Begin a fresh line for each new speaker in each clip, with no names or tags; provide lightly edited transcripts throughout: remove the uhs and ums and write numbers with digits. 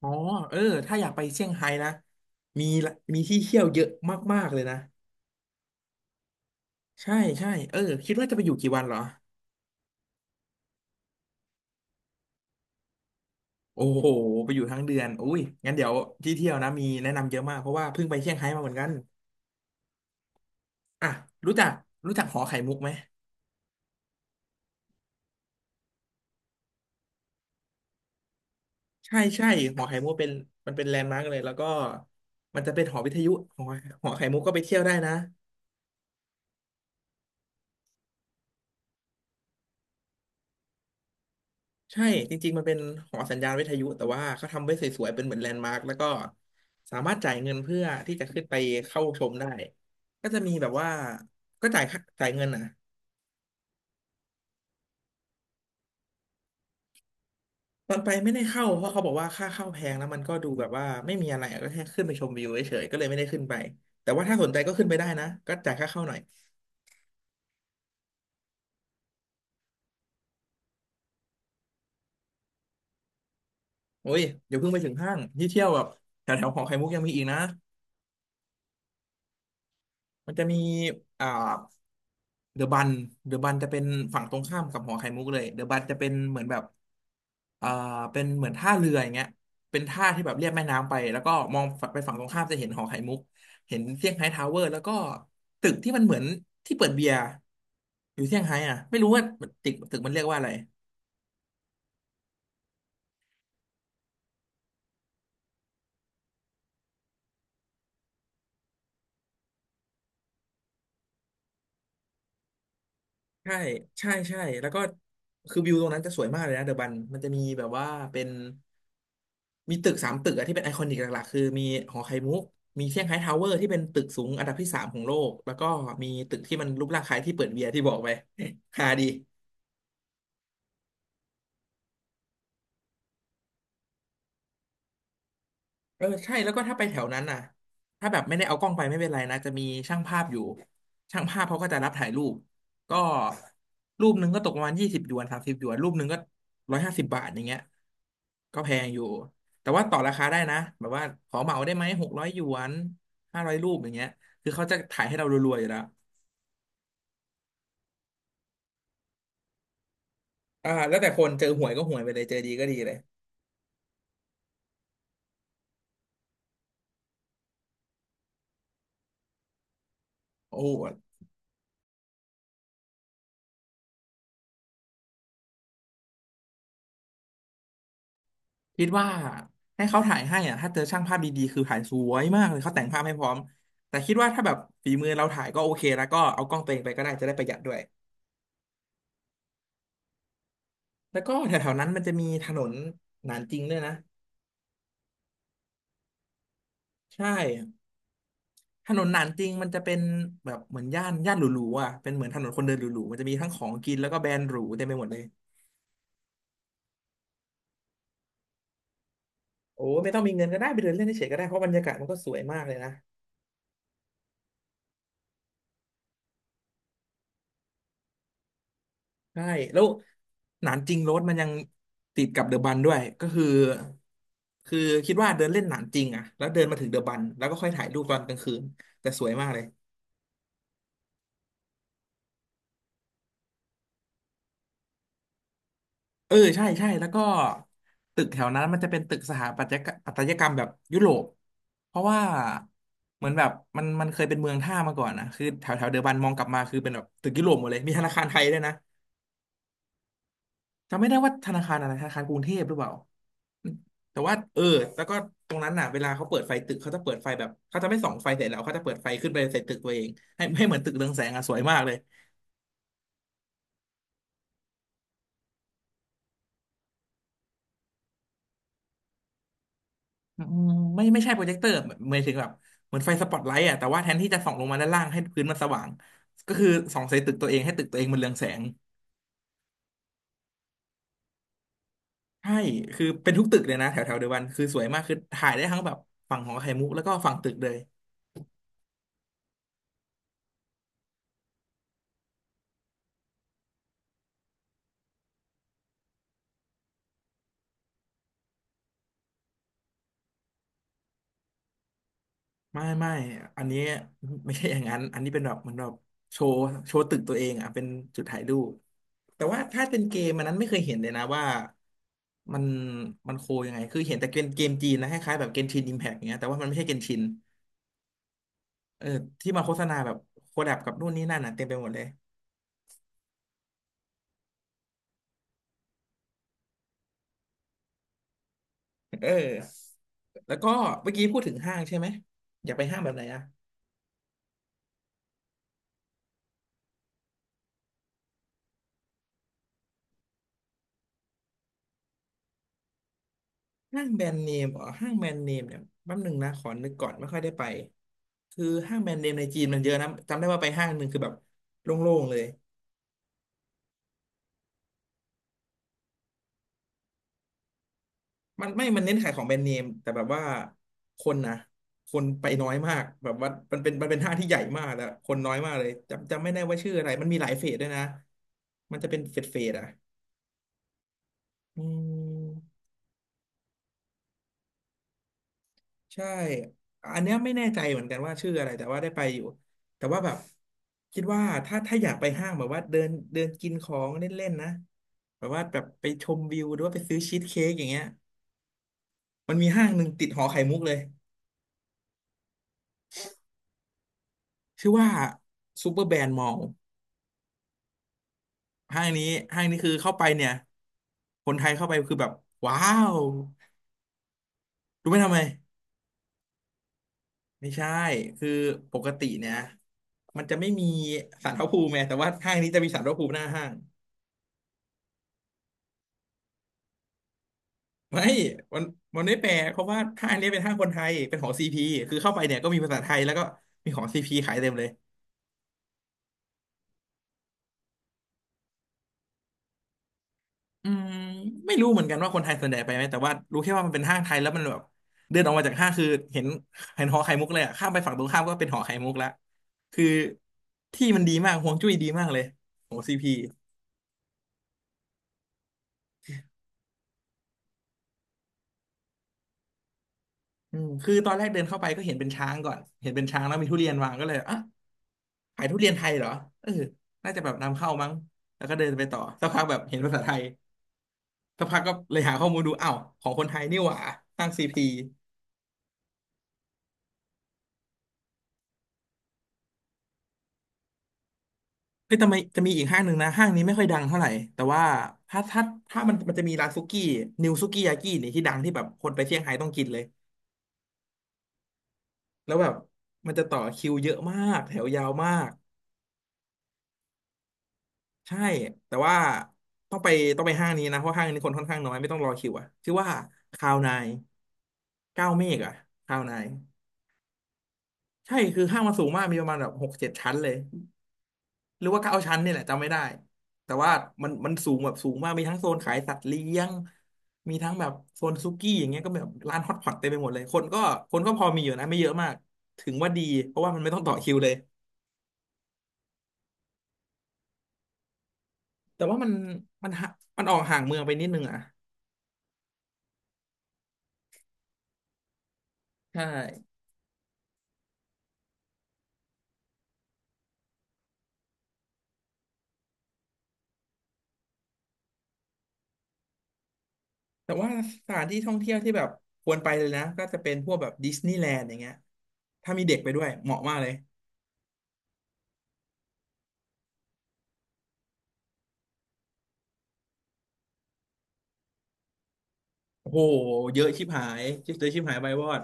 อ๋อเออถ้าอยากไปเซี่ยงไฮ้นะมีละมีที่เที่ยวเยอะมากๆเลยนะใช่ใช่เออคิดว่าจะไปอยู่กี่วันเหรอโอ้โหไปอยู่ทั้งเดือนอุ้ยงั้นเดี๋ยวที่เที่ยวนะมีแนะนำเยอะมากเพราะว่าเพิ่งไปเซี่ยงไฮ้มาเหมือนกันอ่ะรู้จักรู้จักหอไข่มุกไหมใช่ใช่หอไข่มุกเป็นมันเป็นแลนด์มาร์กเลยแล้วก็มันจะเป็นหอวิทยุหอหอไข่มุกก็ไปเที่ยวได้นะ ใช่จริงๆมันเป็นหอสัญญาณวิทยุแต่ว่าเขาทำไว้สวยๆเป็นเหมือนแลนด์มาร์คแล้วก็สามารถจ่ายเงินเพื่อที่จะขึ้นไปเข้าชมได้ก็จะมีแบบว่าก็จ่ายค่าจ่ายเงินอ่ะตอนไปไม่ได้เข้าเพราะเขาบอกว่าค่าเข้าแพงแล้วมันก็ดูแบบว่าไม่มีอะไรอะก็แค่ขึ้นไปชมวิวเฉยๆก็เลยไม่ได้ขึ้นไปแต่ว่าถ้าสนใจก็ขึ้นไปได้นะก็จ่ายค่าเข้าหน่อยโอ้ยเดี๋ยวเพิ่งไปถึงห้างที่เที่ยวแบบแถวๆหอไข่มุกยังมีอีกนะมันจะมีอ่า เดอะบันเดอะบันจะเป็นฝั่งตรงข้ามกับหอไข่มุกเลย เดอะบันจะเป็นเหมือนแบบเอ่าเป็นเหมือนท่าเรืออย่างเงี้ยเป็นท่าที่แบบเรียบแม่น้ำไปแล้วก็มองไปฝั่งตรงข้ามจะเห็นหอไข่มุกเห็นเซี่ยงไฮ้ทาวเวอร์แล้วก็ตึกที่มันเหมือนที่เปิดเบียร์อยู่เซี่ยงไฮ้อ่ะไม่รู้ว่าตึกมันเรียกว่าอะไรใช่ใช่ใช่แล้วก็คือวิวตรงนั้นจะสวยมากเลยนะเดอะบันมันจะมีแบบว่าเป็น มีตึกสามตึกอะที่เป็นไอคอนิกหลักๆคือมีหอไข่มุกมีเซี่ยงไฮ้ทาวเวอร์ที่เป็นตึกสูงอันดับที่สามของโลกแล้วก็มีตึกที่มันรูปร่างคล้ายที่เปิดเบียร์ที่บอกไป ฮาดีเออใช่แล้วก็ถ้าไปแถวนั้นน่ะถ้าแบบไม่ได้เอากล้องไปไม่เป็นไรนะจะมีช่างภาพอยู่ช่างภาพเขาก็จะรับถ่ายรูปก็รูปหนึ่งก็ตกประมาณ20 หยวน30 หยวนรูปหนึ่งก็150 บาทอย่างเงี้ยก็แพงอยู่แต่ว่าต่อราคาได้นะแบบว่าขอเหมาได้ไหม600 หยวน500 รูปอย่างเงี้ยคือเขาจะถ่ายให้เรารัวๆอยู่แล้ว อ่าแล้วแต่คนเจอหวยก็หวยไปเลยเจอดีก็ดีเลยโอ้โหคิดว่าให้เขาถ่ายให้อ่ะถ้าเจอช่างภาพดีๆคือถ่ายสวยมากเลยเขาแต่งภาพให้พร้อมแต่คิดว่าถ้าแบบฝีมือเราถ่ายก็โอเคแล้วก็เอากล้องตัวเองไปก็ได้จะได้ประหยัดด้วยแล้วก็แถวๆนั้นมันจะมีถนนหนานจริงด้วยนะใช่ถนนหนานจริงมันจะเป็นแบบเหมือนย่านย่านหรูๆอ่ะเป็นเหมือนถนนคนเดินหรูๆมันจะมีทั้งของกินแล้วก็แบรนด์หรูเต็มไปหมดเลยโอ้ไม่ต้องมีเงินก็ได้ไปเดินเล่นเฉยๆก็ได้เพราะบรรยากาศมันก็สวยมากเลยนะ ใช่แล้วหนานจริงโรดมันยังติดกับเดอะบันด้วยก็คือคือคิดว่าเดินเล่นหนานจริงอะแล้วเดินมาถึงเดอะบันแล้วก็ค่อยถ่ายรูปตอนกลางคืนแต่สวยมากเลยเออใช่ใช่แล้วก็ตึกแถวนั้นมันจะเป็นตึกสถาปัตยกรรมปัตยกรรมแบบยุโรปเพราะว่าเหมือนแบบมันเคยเป็นเมืองท่ามาก่อนนะคือแถวแถวเดอะบันมองกลับมาคือเป็นแบบตึกยุโรปหมดเลยมีธนาคารไทยด้วยนะ จำไม่ได้ว่าธนาคารอะไรธนาคารกรุงเทพหรือเปล่าแต่ว่าเออแล้วก็ตรงนั้นน่ะเวลาเขาเปิดไฟตึกเขาจะเปิดไฟแบบเขาจะไม่ส่องไฟเสร็จแล้วเขาจะเปิดไฟขึ้นไปใส่ตึกตัวเองให้ให้เหมือนตึกเรืองแสงอ่ะสวยมากเลยอืมไม่ไม่ใช่โปรเจคเตอร์หมายถึงแบบเหมือนไฟสปอตไลท์อ่ะแต่ว่าแทนที่จะส่องลงมาด้านล่างให้พื้นมันสว่างก็คือส่องใส่ตึกตัวเองให้ตึกตัวเองมันเรืองแสงใช่คือเป็นทุกตึกเลยนะแถวแถวเดยวกันคือสวยมากคือถ่ายได้ทั้งแบบฝั่งของไข่มุกแล้วก็ฝั่งตึกเลย ไม่ไม่ อันนี้ ไม่ใช่อย่างนั้นอันนี้เป็นแบบเหมือนแบบโชว์โชว์ตึกตัวเองอ่ะเป็นจุดถ่ายรูปแต่ว่าถ้าเป็นเกมอันนั้นไม่เคยเห็นเลยนะว่ามันมันโคยังไงคือเห็นแต่เกมจีนนะคล้ายๆแบบเกนชินอิมแพกเงี้ยแต่ว่ามันไม่ใช่เกนชินเออที่มาโฆษณาแบบโคแลบกับนู่นนี่นั่นอ่ะเต็มไปหมดเลยเออแล้วก็เมื่อกี้พูดถึงห้างใช่ไหมอยากไปห้างแบบไหนอ่ะ ห้างแบรนด์เนมอ๋อห้างแบรนด์เนมเนี่ยแป๊บหนึ่งนะขอนึกก่อนไม่ค่อยได้ไปคือห้างแบรนด์เนมในจีนมันเยอะนะจำได้ว่าไปห้างหนึ่งคือแบบโล่งๆเลยมันไม่มันเน้นขายของแบรนด์เนมแต่แบบว่าคนนะคนไปน้อยมากแบบว่ามันเป็นห้างที่ใหญ่มากแล้วคนน้อยมากเลยจำไม่ได้ว่าชื่ออะไรมันมีหลายเฟสด้วยนะมันจะเป็นเฟสเฟสอ่ะอืม ใช่อันเนี้ยไม่แน่ใจเหมือนกันว่าชื่ออะไรแต่ว่าได้ไปอยู่ แต่ว่าแบบคิดว่าถ้าอยากไปห้างแบบว่าเดินเดินกินของเล่นๆนะแบบว่าแบบไปชมวิวหรือว่าไปซื้อชีสเค้กอย่างเงี้ยมันมีห้างหนึ่งติดหอไข่มุกเลยชื่อว่าซูเปอร์แบรนด์มอลล์ห้างนี้ห้างนี้คือเข้าไปเนี่ยคนไทยเข้าไปคือแบบว้าวรู้ไหมทำไมไม่ใช่คือปกติเนี่ยมันจะไม่มีศาลพระภูมิไงแต่ว่าห้างนี้จะมีศาลพระภูมิหน้าห้าง ไม่มันมันไม่แปลเพราะว่าห้างเนี้ยเป็นห้างคนไทยเป็นของซีพีคือเข้าไปเนี่ยก็มีภาษาไทยแล้วก็มีของซีพีขายเต็มเลยอืมไม่รู้เหมือนกันว่าคนไทยส่วนใหญ่ไปไหมแต่ว่ารู้แค่ว่ามันเป็นห้างไทยแล้วมันแบบเดินออกมาจากห้างคือเห็นเห็นหอไข่มุกเลยอะข้ามไปฝั่งตรงข้ามก็เป็นหอไข่มุกละคือที่มันดีมากฮวงจุ้ยดีมากเลยของซีพีอืมคือตอนแรกเดินเข้าไปก็เห็นเป็นช้างก่อนเห็นเป็นช้างแล้วมีทุเรียนวางก็เลยอ่ะขายทุเรียนไทยเหรอเออน่าจะแบบนำเข้ามั้งแล้วก็เดินไปต่อสักพักแบบเห็นภาษาไทย สักพักก็เลยหาข้อมูลดูอ้าวของคนไทยนี่หว่าห้างซีพีเฮ้ยทำไมจะมีอีกห้างหนึ่งนะห้างนี้ไม่ค่อยดังเท่าไหร่แต่ว่าถ้าถ้าถ้ามันจะมีร้านซุกี้นิวซุกี้ยากินี่ที่ดังที่แบบคนไปเซี่ยงไฮ้ต้องกินเลยแล้วแบบมันจะต่อคิวเยอะมากแถวยาวมากใช่แต่ว่าต้องไปต้องไปห้างนี้นะเพราะห้างนี้คนค่อนข้างน้อยไม่ต้องรอคิวอะชื่อว่าคาวนายเก้าเมฆอะคาวนายใช่คือห้างมันสูงมากมีประมาณแบบ6-7 ชั้นเลย หรือว่า9 ชั้นเนี่ยแหละจำไม่ได้แต่ว่ามันสูงแบบสูงมากมีทั้งโซนขายสัตว์เลี้ยงมีทั้งแบบโซนซุกี้อย่างเงี้ยก็แบบร้านฮอตพอตเต็มไปหมดเลยคนก็พอมีอยู่นะไม่เยอะมากถึงว่าดีเพราะว่ามันไม่ต้องต่อคิวเลยแต่ว่ามันห่ามันออกห่างเมืองไปนิดนึงอ่ะใช่แต่ว่าสถานที่ท่องเที่ยวที่แบบควรไปเลยนะก็จะเป็นพวกแบบดิสนีย์แลนด์อย่างเงี้ยถ้ามีเด็กไปด้วยเหมาะมากเลย โอ้โห เยอะชิบหายชิบเตยชิบหายไปวอด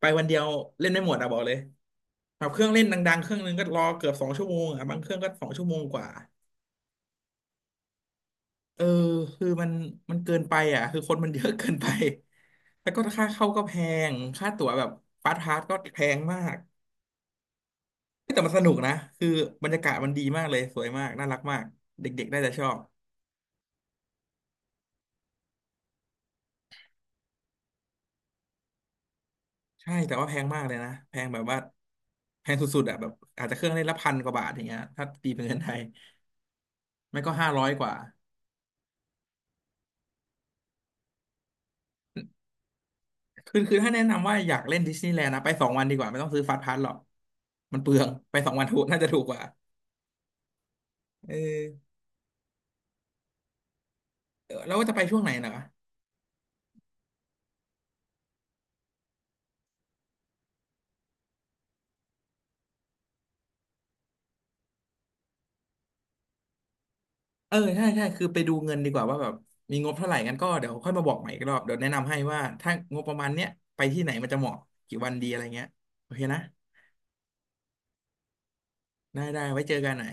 ไปวันเดียวเล่นไม่หมดอะบอกเลยแบบเครื่องเล่นดังๆเครื่องนึงก็รอเกือบสองชั่วโมงอะบางเครื่องก็2 ชั่วโมงกว่าเออคือมันเกินไปอ่ะคือคนมันเยอะเกินไป แล้วก็ค่าเข้าก็แพงค่าตั๋วแบบฟาสต์พาสก็แพงมากเฮ้ยแต่มันสนุกนะคือบรรยากาศมันดีมากเลยสวยมากน่ารักมากเด็กๆได้จะชอบใช่แต่ว่าแพงมากเลยนะแพงแบบว่าแพงสุดๆอ่ะแบบอาจจะเครื่องเล่นละ1,000 กว่าบาทอย่างเงี้ยถ้าตีเป็นเงินไทย ไม่ก็500 กว่าคือคือถ้าแนะนำว่าอยากเล่นดิสนีย์แลนด์นะไปสองวันดีกว่าไม่ต้องซื้อฟาสต์พาสหรอก มันเปลืองไป2 วันถูกน่าจะถูกกว่าเออเออแล้วว่าจะไปช่วงไหนนะเออใช่ใช่คือไปดูเงินดีกว่าว่าแบบมีงบเท่าไหร่กันก็เดี๋ยวค่อยมาบอกใหม่อีกรอบเดี๋ยวแนะนำให้ว่าถ้างบประมาณเนี้ยไปที่ไหนมันจะเหมาะกี่วันดีอะไรเงี้ยโอเคนะได้ได้ไว้เจอกันหน่อย